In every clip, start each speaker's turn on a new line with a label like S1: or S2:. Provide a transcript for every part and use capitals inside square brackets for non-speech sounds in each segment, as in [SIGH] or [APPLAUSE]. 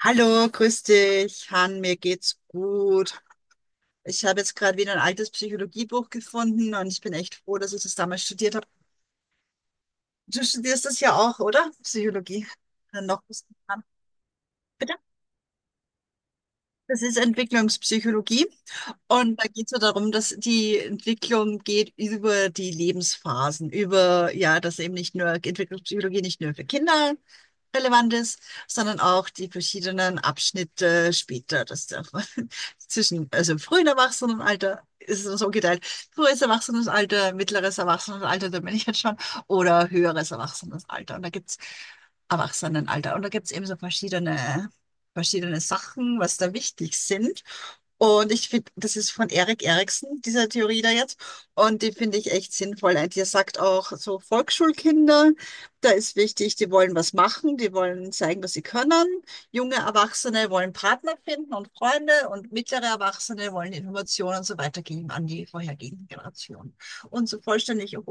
S1: Hallo, grüß dich, Han, mir geht's gut. Ich habe jetzt gerade wieder ein altes Psychologiebuch gefunden und ich bin echt froh, dass ich das damals studiert habe. Du studierst das ja auch, oder? Psychologie. Dann noch ein bisschen dran. Bitte? Das ist Entwicklungspsychologie und da geht es so darum, dass die Entwicklung geht über die Lebensphasen, über, ja, dass eben nicht nur Entwicklungspsychologie nicht nur für Kinder relevant ist, sondern auch die verschiedenen Abschnitte später, dass der [LAUGHS] zwischen, also frühen Erwachsenenalter ist es so geteilt, frühes Erwachsenenalter, mittleres Erwachsenenalter, da bin ich jetzt schon, oder höheres Erwachsenenalter. Und da gibt's Erwachsenenalter. Und da gibt's eben so verschiedene Sachen, was da wichtig sind. Und ich finde, das ist von Erik Erikson, diese Theorie da jetzt. Und die finde ich echt sinnvoll. Und die sagt auch so: Volksschulkinder, da ist wichtig, die wollen was machen, die wollen zeigen, was sie können. Junge Erwachsene wollen Partner finden und Freunde, und mittlere Erwachsene wollen Informationen und so weiter geben an die vorhergehenden Generationen. Und so vollständig im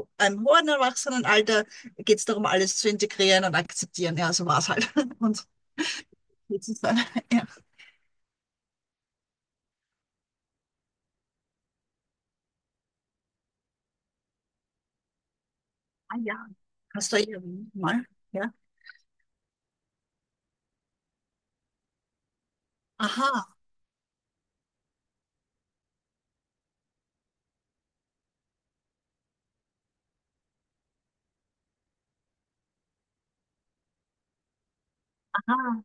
S1: hohen Erwachsenenalter geht es darum, alles zu integrieren und akzeptieren. Ja, so war es halt. [LAUGHS] Und jetzt ist es dann, ja. Ah ja, hast du irgendwie mal, ja. Aha, aha.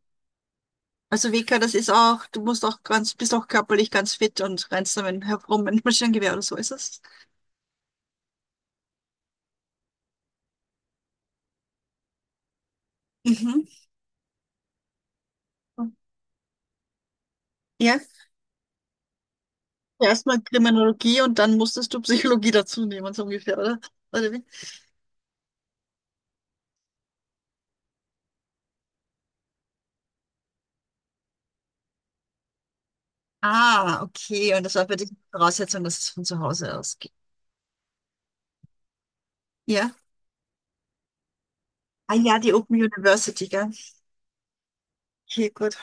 S1: Also Vika, das ist auch, du musst auch ganz, bist auch körperlich ganz fit und rennst damit herum mit einem Maschinengewehr oder so ist es. Mhm. Ja, erstmal Kriminologie und dann musstest du Psychologie dazu nehmen, so ungefähr, oder? Oder wie? Ah, okay. Und das war für dich eine Voraussetzung, dass es von zu Hause ausgeht. Ja. Ah ja, die Open University, gell? Okay, gut.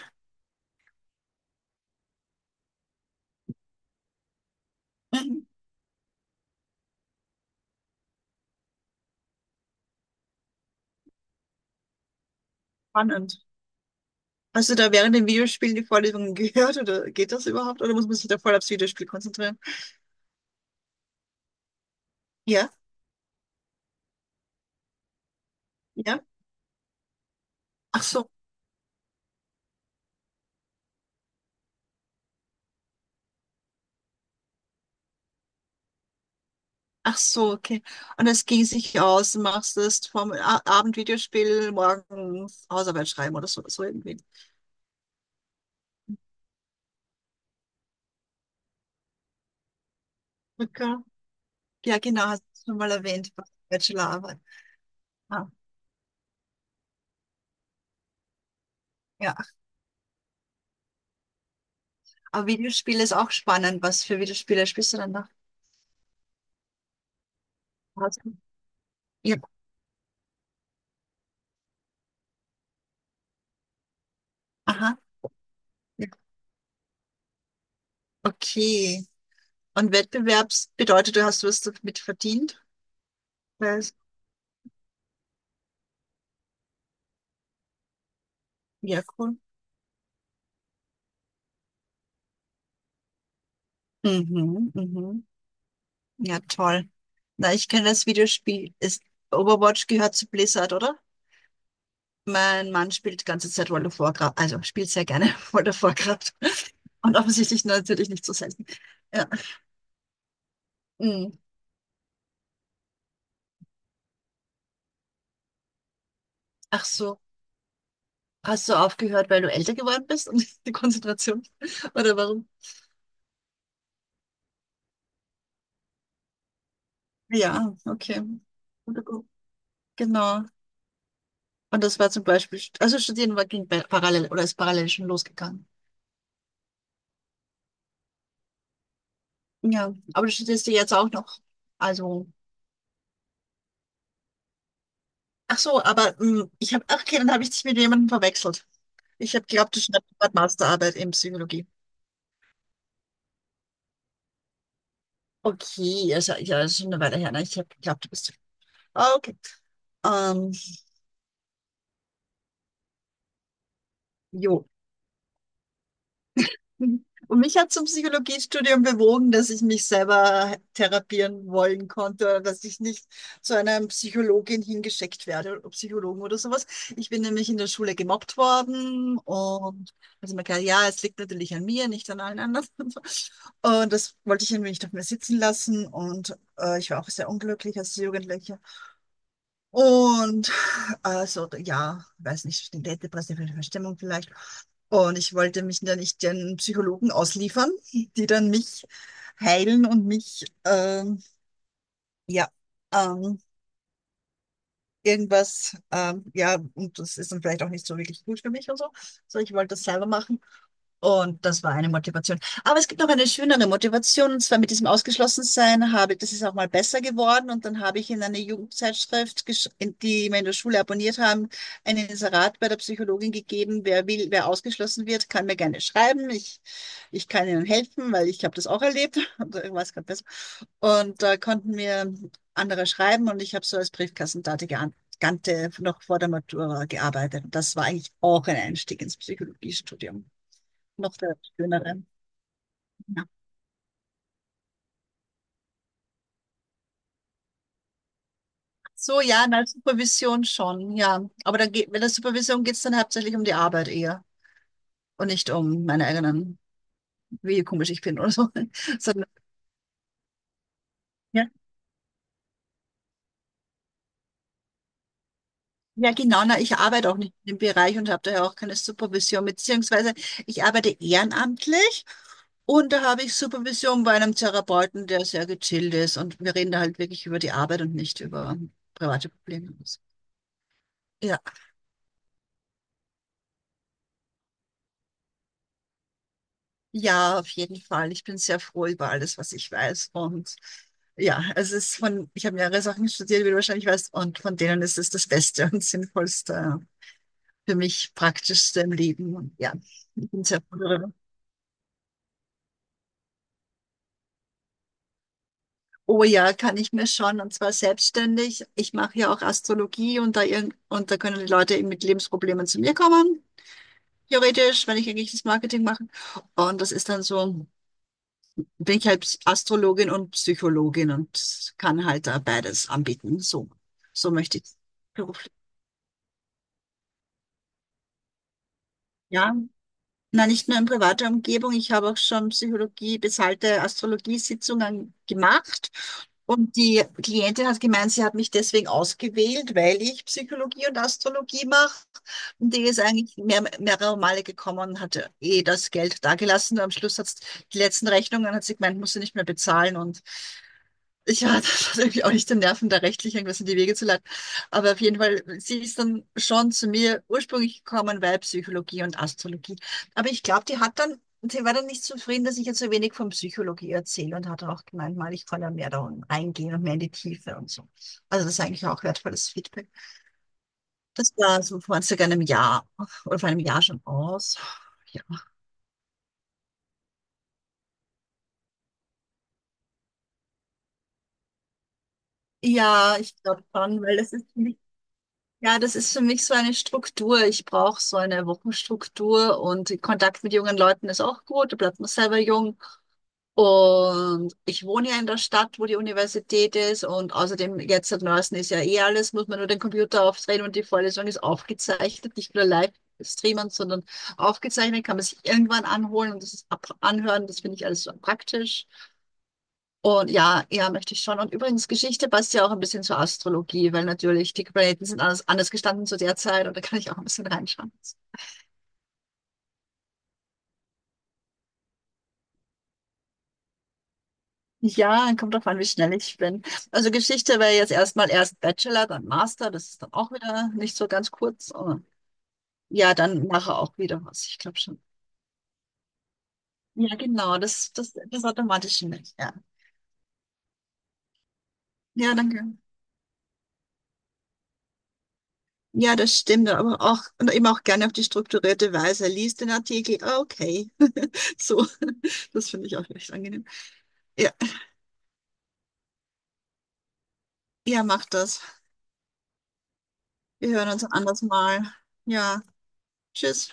S1: Mhm. Spannend. Hast du da während dem Videospiel die Vorlesungen gehört, oder geht das überhaupt? Oder muss man sich da voll aufs Videospiel konzentrieren? Ja, ja. Ach so. Ach so, okay. Und es ging sich aus, machst es vom A Abend Videospiel, morgens Hausarbeit schreiben oder so, so irgendwie. Okay. Ja, genau, hast du schon mal erwähnt, bei der Bachelorarbeit. Ah, ja, aber Videospiel ist auch spannend. Was für Videospiele spielst du dann nach? Hast du- ja, aha. Ja. Okay. Und Wettbewerbs bedeutet, du hast was damit verdient? Was? Ja, cool. Mhm, mhm. Ja, toll. Na, ich kenne das Videospiel. Ist Overwatch gehört zu Blizzard, oder? Mein Mann spielt die ganze Zeit World of Warcraft, also spielt sehr gerne [LAUGHS] World of Warcraft. Und offensichtlich natürlich nicht so selten. Ja. Mm. Ach so, hast du aufgehört, weil du älter geworden bist und [LAUGHS] die Konzentration? Oder warum? Ja, okay. Guter Grund. Genau. Und das war zum Beispiel, also studieren war, ging bei- parallel oder ist parallel schon losgegangen. Ja, aber du studierst ja jetzt auch noch. Also, ach so, aber mm, ich habe, ach okay, dann habe ich dich mit jemandem verwechselt. Ich habe geglaubt, du schreibst gerade Masterarbeit in Psychologie. Okay, ja, ist ja, ja, ist schon eine Weile her. Ne? Ich habe geglaubt, du bist. Ah, okay. Ähm, jo. [LAUGHS] Und mich hat zum Psychologiestudium bewogen, dass ich mich selber therapieren wollen konnte, dass ich nicht zu einer Psychologin hingeschickt werde, oder Psychologen oder sowas. Ich bin nämlich in der Schule gemobbt worden, und also man kann, ja, es liegt natürlich an mir, nicht an allen anderen. [LAUGHS] Und, so. Und das wollte ich irgendwie nicht auf mir sitzen lassen, und ich war auch sehr unglücklich als Jugendliche. Und also ja, weiß nicht, eine depressive Verstimmung vielleicht. Und ich wollte mich dann nicht den Psychologen ausliefern, die dann mich heilen und mich ja ähm, irgendwas ja, und das ist dann vielleicht auch nicht so wirklich gut für mich und so. So, ich wollte das selber machen. Und das war eine Motivation. Aber es gibt noch eine schönere Motivation, und zwar mit diesem Ausgeschlossensein habe, das ist auch mal besser geworden. Und dann habe ich in einer Jugendzeitschrift, gesch- in die wir in der Schule abonniert haben, ein Inserat bei der Psychologin gegeben. Wer will, wer ausgeschlossen wird, kann mir gerne schreiben. Ich kann Ihnen helfen, weil ich habe das auch erlebt. [LAUGHS] Und ich weiß gerade besser. Und da konnten mir andere schreiben und ich habe so als Briefkassendate geantwortet. Noch vor der Matura gearbeitet. Und das war eigentlich auch ein Einstieg ins Psychologiestudium, noch der schönere. Ja. So, ja, in der Supervision schon, ja. Aber dann geht, mit der Supervision geht es dann hauptsächlich um die Arbeit eher, und nicht um meine eigenen, wie komisch ich bin oder so. [LAUGHS] Sondern, ja. Ja, genau, na, ich arbeite auch nicht in dem Bereich und habe daher auch keine Supervision, beziehungsweise ich arbeite ehrenamtlich und da habe ich Supervision bei einem Therapeuten, der sehr gechillt ist und wir reden da halt wirklich über die Arbeit und nicht über private Probleme. Ja. Ja, auf jeden Fall. Ich bin sehr froh über alles, was ich weiß. Und ja, es ist von, ich habe mehrere Sachen studiert, wie du wahrscheinlich weißt, und von denen ist es das Beste und Sinnvollste, für mich Praktischste im Leben. Und ja, ich bin sehr froh darüber. Oh ja, kann ich mir schon, und zwar selbstständig. Ich mache ja auch Astrologie und da, irgend- und da können die Leute eben mit Lebensproblemen zu mir kommen, theoretisch, wenn ich eigentlich das Marketing mache. Und das ist dann so. Bin ich halt Astrologin und Psychologin und kann halt da beides anbieten. So, so möchte ich beruflich. Ja, na, nicht nur in privater Umgebung. Ich habe auch schon Psychologie, bezahlte Astrologiesitzungen gemacht. Und die Klientin hat gemeint, sie hat mich deswegen ausgewählt, weil ich Psychologie und Astrologie mache. Und die ist eigentlich mehr, mehrere Male gekommen und hat eh das Geld dagelassen. Und am Schluss hat die letzten Rechnungen, hat sie gemeint, muss sie nicht mehr bezahlen. Und ja, [LAUGHS] das hat irgendwie auch nicht den Nerven, da rechtlich irgendwas in die Wege zu leiten. Aber auf jeden Fall, sie ist dann schon zu mir ursprünglich gekommen, weil Psychologie und Astrologie. Aber ich glaube, die hat dann, sie war dann nicht zufrieden, dass ich jetzt so wenig von Psychologie erzähle, und hat auch gemeint, mal, ich kann ja mehr da reingehen und mehr in die Tiefe und so. Also das ist eigentlich auch wertvolles Feedback. Das war so vor circa einem Jahr oder vor einem Jahr schon aus. Ja, ja ich glaube schon, weil das ist Ja, das ist für mich so eine Struktur. Ich brauche so eine Wochenstruktur und Kontakt mit jungen Leuten ist auch gut. Da bleibt man selber jung. Und ich wohne ja in der Stadt, wo die Universität ist. Und außerdem, jetzt seit neuestem ist ja eh alles, muss man nur den Computer aufdrehen und die Vorlesung ist aufgezeichnet. Nicht nur live streamen, sondern aufgezeichnet, kann man sich irgendwann anholen und das ist ab anhören. Das finde ich alles so praktisch. Und ja, ja, möchte ich schon. Und übrigens, Geschichte passt ja auch ein bisschen zur Astrologie, weil natürlich die Planeten sind anders, anders gestanden zu der Zeit und da kann ich auch ein bisschen reinschauen. Ja, kommt drauf an, wie schnell ich bin. Also Geschichte wäre jetzt erstmal erst Bachelor, dann Master, das ist dann auch wieder nicht so ganz kurz. Aber ja, dann nachher auch wieder was, ich glaube schon. Ja, genau, das Automatische nicht, ja. Ja, danke. Ja, das stimmt, aber auch, und eben auch gerne auf die strukturierte Weise. Lies den Artikel, ah, okay. [LAUGHS] So, das finde ich auch echt angenehm. Ja, ja, macht das. Wir hören uns ein anderes Mal. Ja, tschüss.